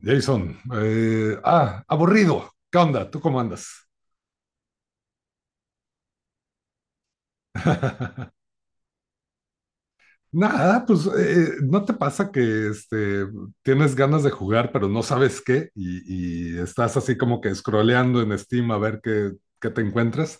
Jason, aburrido. ¿Qué onda? ¿Tú cómo andas? Nada, pues ¿no te pasa que tienes ganas de jugar, pero no sabes qué? Y estás así como que scrolleando en Steam a ver qué te encuentras.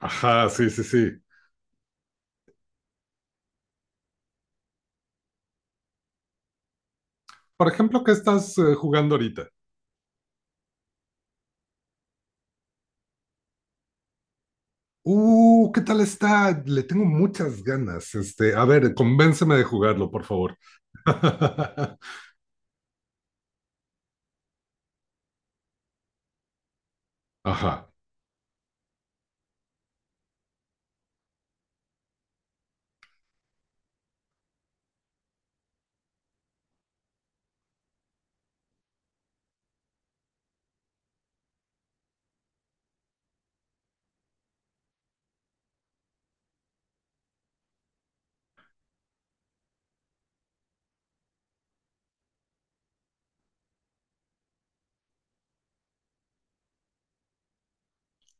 Ajá, sí, sí, sí. Por ejemplo, ¿qué estás jugando ahorita? ¿Qué tal está? Le tengo muchas ganas. Este, a ver, convénceme de jugarlo, por favor. Ajá.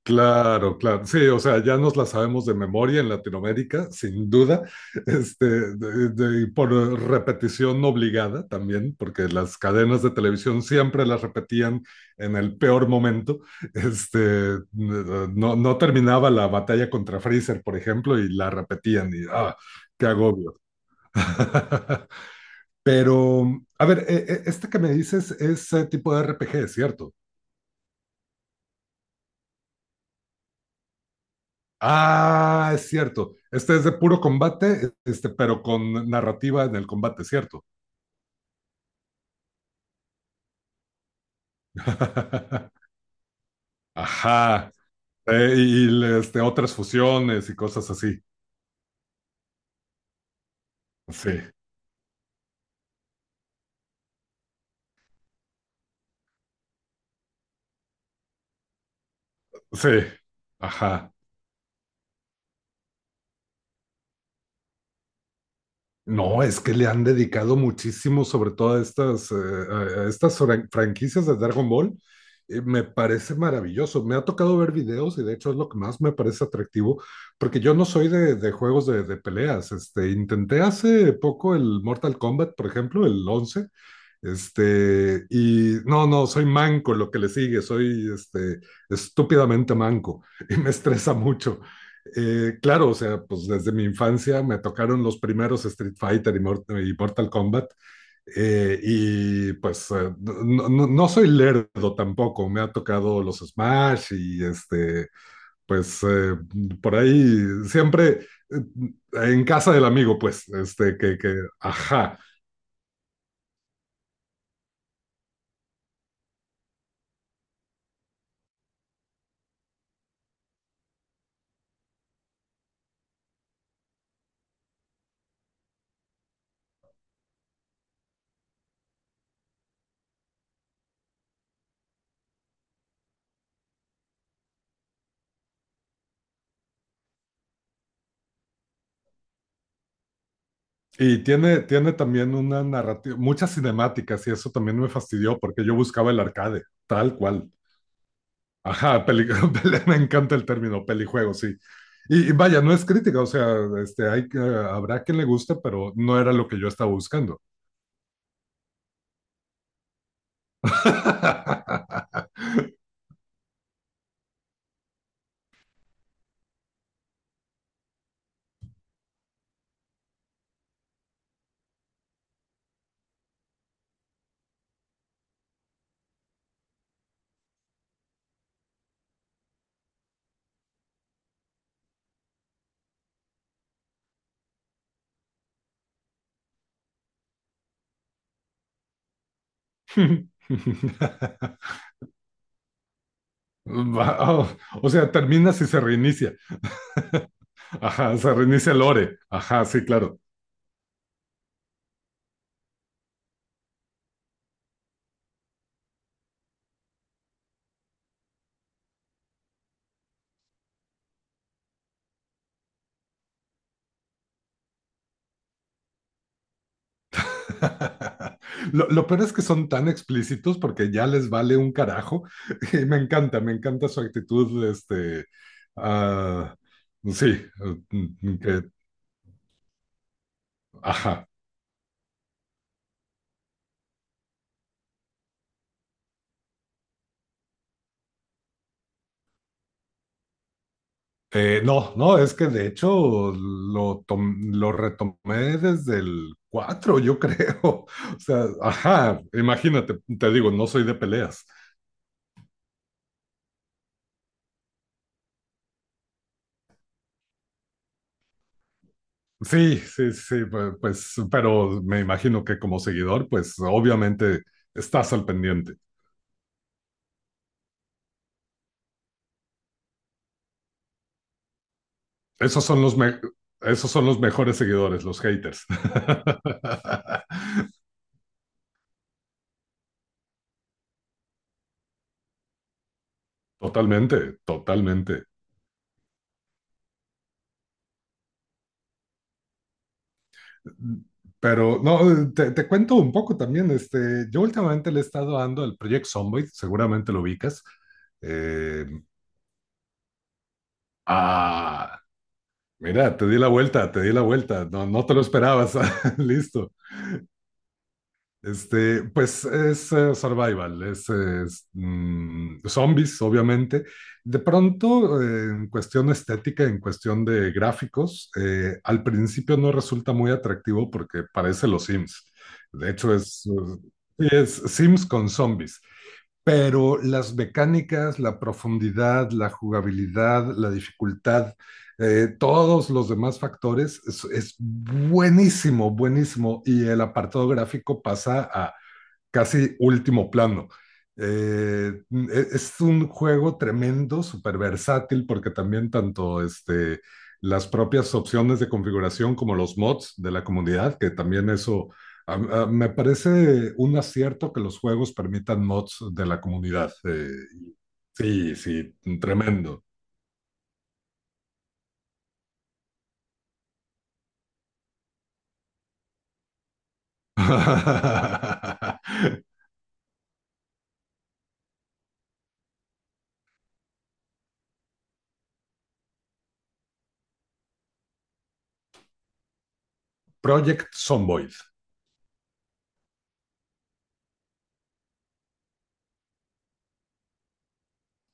Claro, claro. Sí, o sea, ya nos la sabemos de memoria en Latinoamérica, sin duda. este, y por repetición obligada también, porque las cadenas de televisión siempre las repetían en el peor momento. Este, no, no terminaba la batalla contra Freezer, por ejemplo, y la repetían y ¡ah, qué agobio! Pero, a ver, este que me dices es tipo de RPG, ¿cierto? Ah, es cierto. Este es de puro combate, este, pero con narrativa en el combate, ¿cierto? Ajá. Este, otras fusiones y cosas así. Sí, sí. Ajá. No, es que le han dedicado muchísimo, sobre todo a estas, a estas franquicias de Dragon Ball. Me parece maravilloso. Me ha tocado ver videos y de hecho es lo que más me parece atractivo, porque yo no soy de juegos de peleas. Este, intenté hace poco el Mortal Kombat, por ejemplo, el 11. Este, y no, no, soy manco lo que le sigue, soy este, estúpidamente manco y me estresa mucho. Claro, o sea, pues desde mi infancia me tocaron los primeros Street Fighter y, Mortal Kombat. No, no soy lerdo tampoco, me ha tocado los Smash y este, pues por ahí siempre eh, en casa del amigo, pues, este, ajá. Y tiene, tiene también una narrativa, muchas cinemáticas y eso también me fastidió porque yo buscaba el arcade, tal cual. Ajá, peli- me encanta el término pelijuego, sí. Y vaya, no es crítica, o sea, este, habrá quien le guste, pero no era lo que yo estaba buscando. Oh, o sea, termina si se reinicia. Ajá, se reinicia el lore. Ajá, sí, claro. Lo peor es que son tan explícitos porque ya les vale un carajo. Y me encanta su actitud, este, ah, sí, que, ajá. No, no, es que de hecho lo retomé desde el 4, yo creo. O sea, ajá, imagínate, te digo, no soy de peleas. Sí, sí, sí, pues, pero me imagino que como seguidor, pues obviamente estás al pendiente. Esos son los, me- Esos son los mejores seguidores, los haters. Totalmente, totalmente. Pero no, te cuento un poco también. Este, yo últimamente le he estado dando al Project Zomboid, seguramente lo ubicas. Eh, ah, mira, te di la vuelta, te di la vuelta. No, no te lo esperabas. Listo. Este, pues es survival, zombies, obviamente. De pronto, en cuestión estética, en cuestión de gráficos, al principio no resulta muy atractivo porque parece los Sims. De hecho, es Sims con zombies, pero las mecánicas, la profundidad, la jugabilidad, la dificultad, todos los demás factores, es buenísimo, buenísimo. Y el apartado gráfico pasa a casi último plano. Eh, es un juego tremendo, súper versátil, porque también tanto este, las propias opciones de configuración como los mods de la comunidad, que también eso a- me parece un acierto que los juegos permitan mods de la comunidad. Sí, sí, tremendo. Project Zomboid.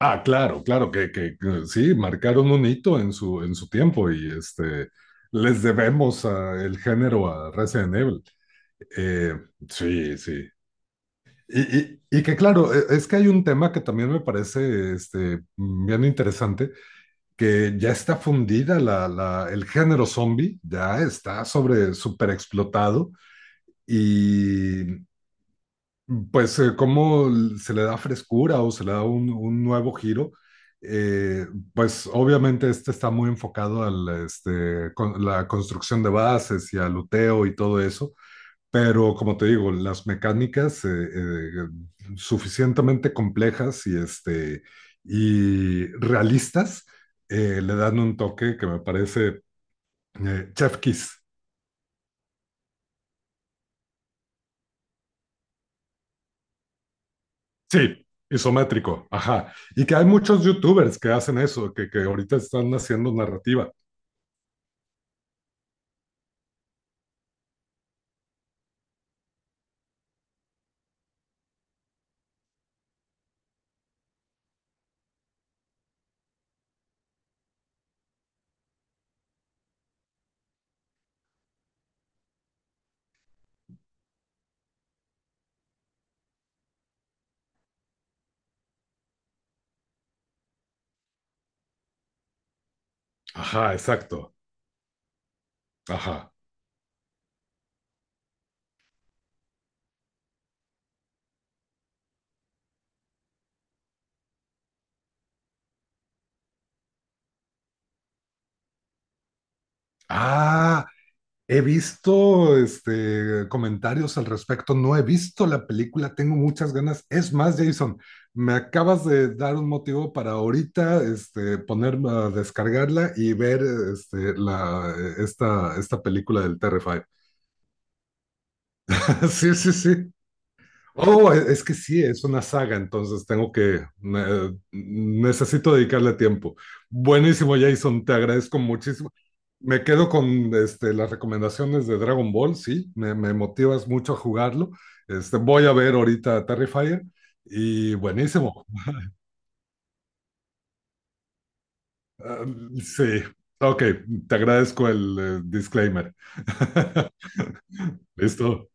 Ah, claro, claro, que sí, marcaron un hito en en su tiempo y este, les debemos el género a Resident Evil. Eh, sí, sí. Y que claro, es que hay un tema que también me parece este, bien interesante, que ya está fundida el género zombie, ya está sobre, súper explotado y pues cómo se le da frescura o se le da un nuevo giro. Eh, pues obviamente este está muy enfocado a la, este, la construcción de bases y al uteo y todo eso, pero como te digo, las mecánicas suficientemente complejas y, este, y realistas, le dan un toque que me parece chef kiss. Sí, isométrico, ajá. Y que hay muchos youtubers que hacen eso, que ahorita están haciendo narrativa. Ajá, exacto. Ajá. Ah, he visto este, comentarios al respecto. No he visto la película, tengo muchas ganas. Es más, Jason, me acabas de dar un motivo para ahorita este, poner a descargarla y ver este, esta película del terrifier. Sí, sí, sí. Oh, es que sí, es una saga, entonces tengo necesito dedicarle tiempo. Buenísimo, Jason, te agradezco muchísimo. Me quedo con este, las recomendaciones de Dragon Ball, sí, me motivas mucho a jugarlo. Este, voy a ver ahorita Terrifier y buenísimo. Ah, sí, ok, te agradezco el disclaimer. Listo.